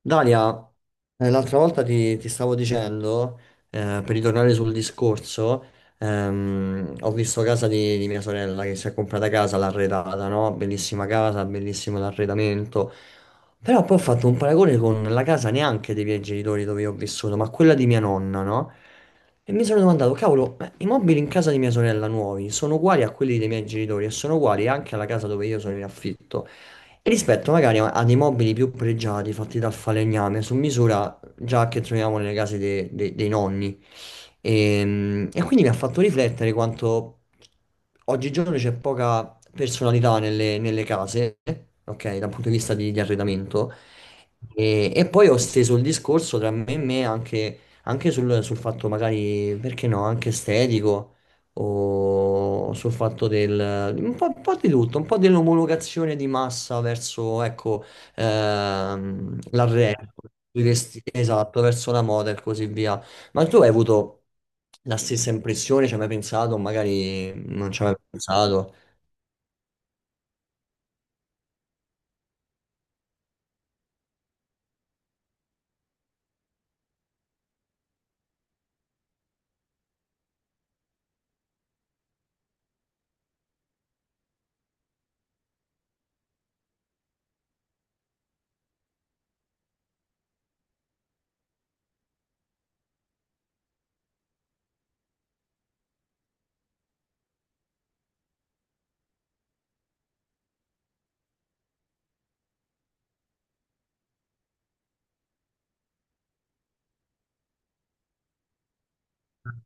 Dalia, l'altra volta ti stavo dicendo, per ritornare sul discorso, ho visto casa di mia sorella che si è comprata casa, l'ha arredata, no? Bellissima casa, bellissimo l'arredamento. Però poi ho fatto un paragone con la casa neanche dei miei genitori dove io ho vissuto, ma quella di mia nonna, no? E mi sono domandato, cavolo, ma i mobili in casa di mia sorella nuovi sono uguali a quelli dei miei genitori e sono uguali anche alla casa dove io sono in affitto. Rispetto magari a dei mobili più pregiati fatti dal falegname su misura già che troviamo nelle case dei nonni. E quindi mi ha fatto riflettere quanto oggigiorno c'è poca personalità nelle case, ok, dal punto di vista di arredamento. E poi ho steso il discorso tra me e me anche, anche sul fatto magari, perché no, anche estetico. O sul fatto del un po' di tutto, un po' dell'omologazione di massa verso, ecco, l'arredo, i vestiti, esatto, verso la moda e così via. Ma tu hai avuto la stessa impressione? Ci hai mai pensato? Magari non ci hai mai pensato.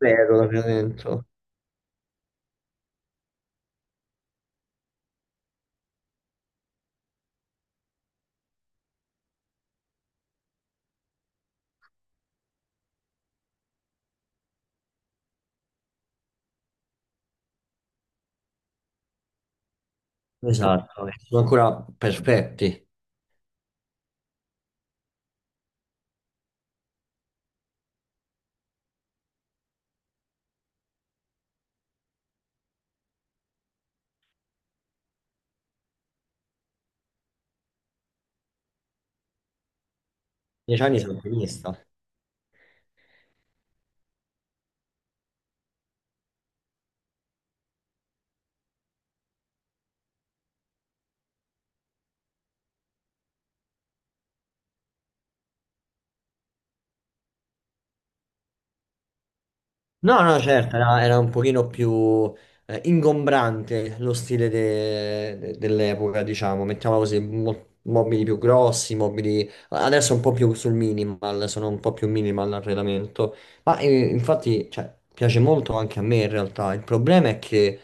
Vero, davvero dentro. Esatto, Sono ancora perfetti. 10 anni sono ottimista. No, no, certo, era un pochino più ingombrante lo stile dell'epoca, diciamo, mettiamola così, mobili più grossi, mobili. Adesso un po' più sul minimal, sono un po' più minimal l'arredamento, ma infatti, cioè, piace molto anche a me in realtà, il problema è che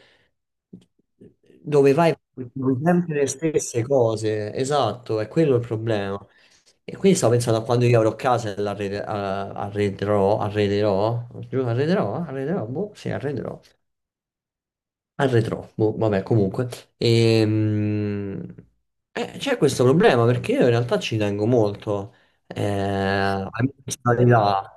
dove vai trovi sempre le stesse cose, esatto, è quello il problema. E quindi stavo pensando a quando io avrò casa e arrederò, giù, arrederò, boh, sì, arrederò, arredrò, boh, vabbè, comunque. Ehm, C'è questo problema perché io in realtà ci tengo molto a mia personalità.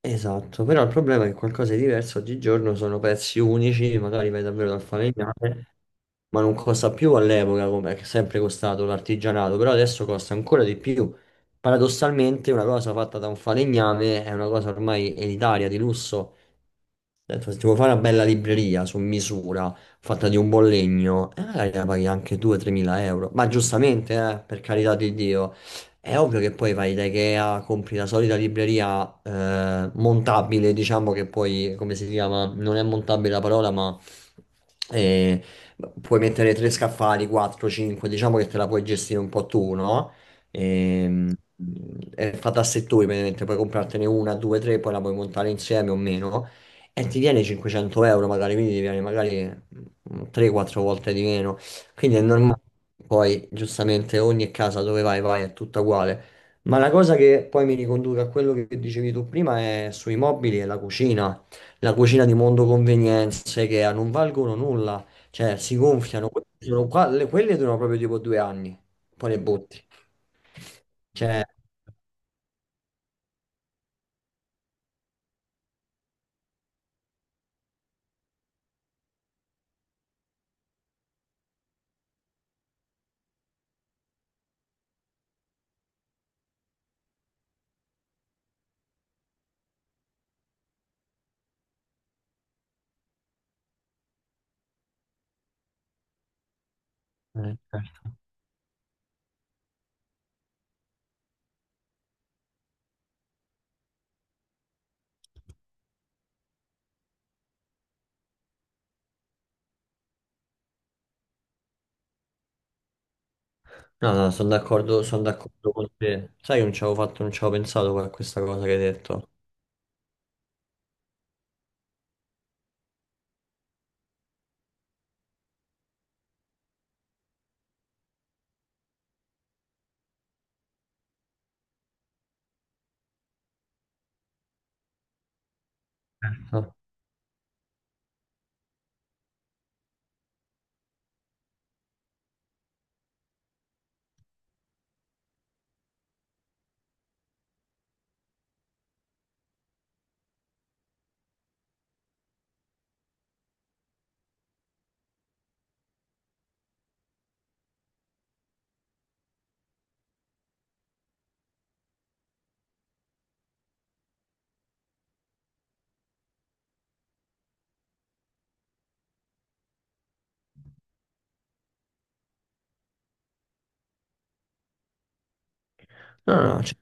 Esatto, però il problema è che qualcosa di diverso oggigiorno sono pezzi unici, magari vai davvero dal falegname, ma non costa più all'epoca come è sempre costato l'artigianato, però adesso costa ancora di più. Paradossalmente una cosa fatta da un falegname è una cosa ormai elitaria, di lusso. Detto, se ti vuoi fare una bella libreria su misura, fatta di un buon legno, magari la paghi anche 2-3 mila euro, ma giustamente, per carità di Dio. È ovvio che poi vai da Ikea, compri la solita libreria montabile, diciamo che poi, come si chiama? Non è montabile la parola, ma eh, puoi mettere tre scaffali, 4, 5, diciamo che te la puoi gestire un po' tu, no? Ehm, è fatta a settori, praticamente puoi comprartene una, due, tre, poi la puoi montare insieme o meno, e ti viene 500 euro magari, quindi ti viene magari 3-4 volte di meno. Quindi è normale, poi giustamente ogni casa dove vai vai è tutta uguale. Ma la cosa che poi mi riconduce a quello che dicevi tu prima è sui mobili e la cucina. La cucina di mondo convenienze che non valgono nulla, cioè si gonfiano, quelle durano proprio tipo 2 anni, poi le butti. Cioè, certo. No, no, sono d'accordo con te. Sai, che non ci avevo fatto, non ci avevo pensato a questa cosa che hai detto. Certo. No, no, cioè,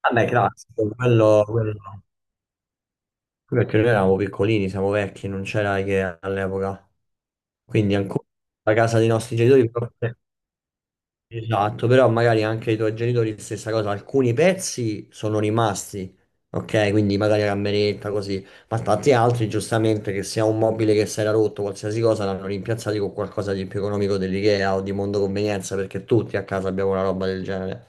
vabbè, classico, no. Quello perché noi eravamo piccolini, siamo vecchi, non c'era IKEA all'epoca. Quindi ancora la casa dei nostri genitori, esatto, però magari anche i tuoi genitori stessa cosa, alcuni pezzi sono rimasti, ok? Quindi magari la cameretta, così, ma tanti altri giustamente che sia un mobile che si era rotto, qualsiasi cosa, l'hanno rimpiazzati con qualcosa di più economico dell'IKEA o di Mondo Convenienza, perché tutti a casa abbiamo una roba del genere.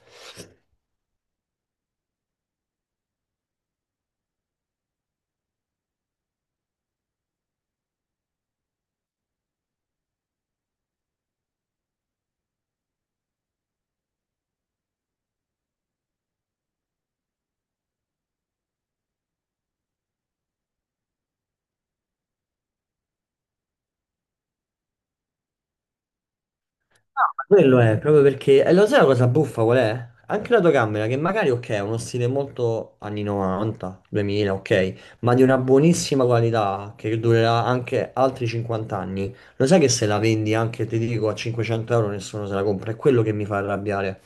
Quello è proprio perché, e lo sai la cosa buffa qual è? Anche la tua camera, che magari ok, è uno stile molto anni 90, 2000, ok, ma di una buonissima qualità che durerà anche altri 50 anni. Lo sai che se la vendi anche, ti dico, a 500 euro nessuno se la compra? È quello che mi fa arrabbiare.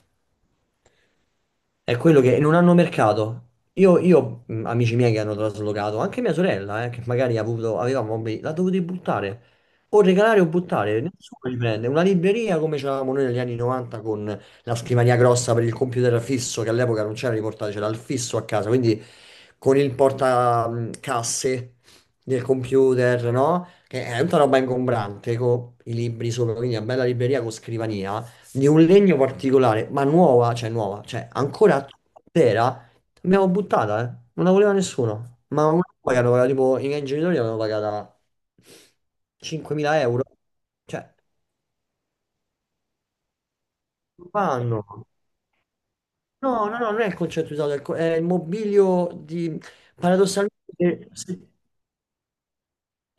È quello che non hanno mercato. Amici miei che hanno traslocato, anche mia sorella, che magari ha avuto, aveva mobili, l'ha dovuta buttare. O regalare o buttare, nessuno li prende. Una libreria come c'avevamo noi negli anni 90 con la scrivania grossa per il computer fisso, che all'epoca non c'era riportato, c'era il fisso a casa, quindi con il portacasse del computer, no? Che è tutta roba ingombrante, con i libri sopra, quindi una bella libreria con scrivania, di un legno particolare, ma nuova, cioè ancora intera, l'abbiamo buttata, eh. Non la voleva nessuno, ma una roba che hanno pagato, tipo, i miei genitori l'hanno pagata 5.000 euro, cioè, non vanno. No, no, no, non è il concetto usato, è il è il mobilio di, paradossalmente,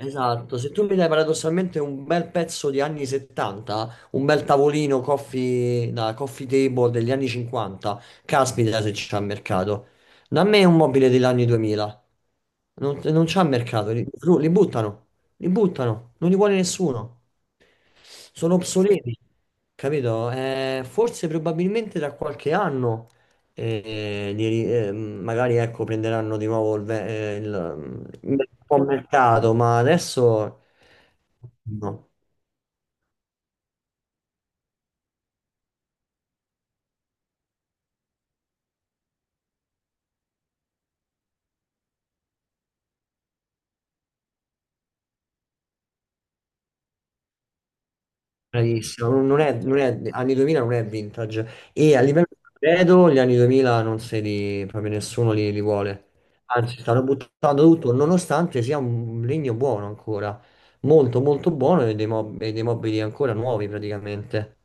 esatto, se tu mi dai paradossalmente un bel pezzo di anni 70, un bel tavolino coffee, da coffee table degli anni 50, caspita se c'è mercato. Da me un mobile degli anni 2000, non c'è mercato, li buttano, li buttano, non li vuole nessuno. Sono obsoleti, capito? Forse probabilmente tra qualche anno e magari ecco, prenderanno di nuovo il buon mercato, ma adesso no, bravissimo, non non è, non è- anni 2000 non è vintage e a livello credo gli anni 2000 non se li, proprio nessuno li vuole, anzi stanno buttando tutto nonostante sia un legno buono ancora, molto molto buono e e dei mobili ancora nuovi praticamente.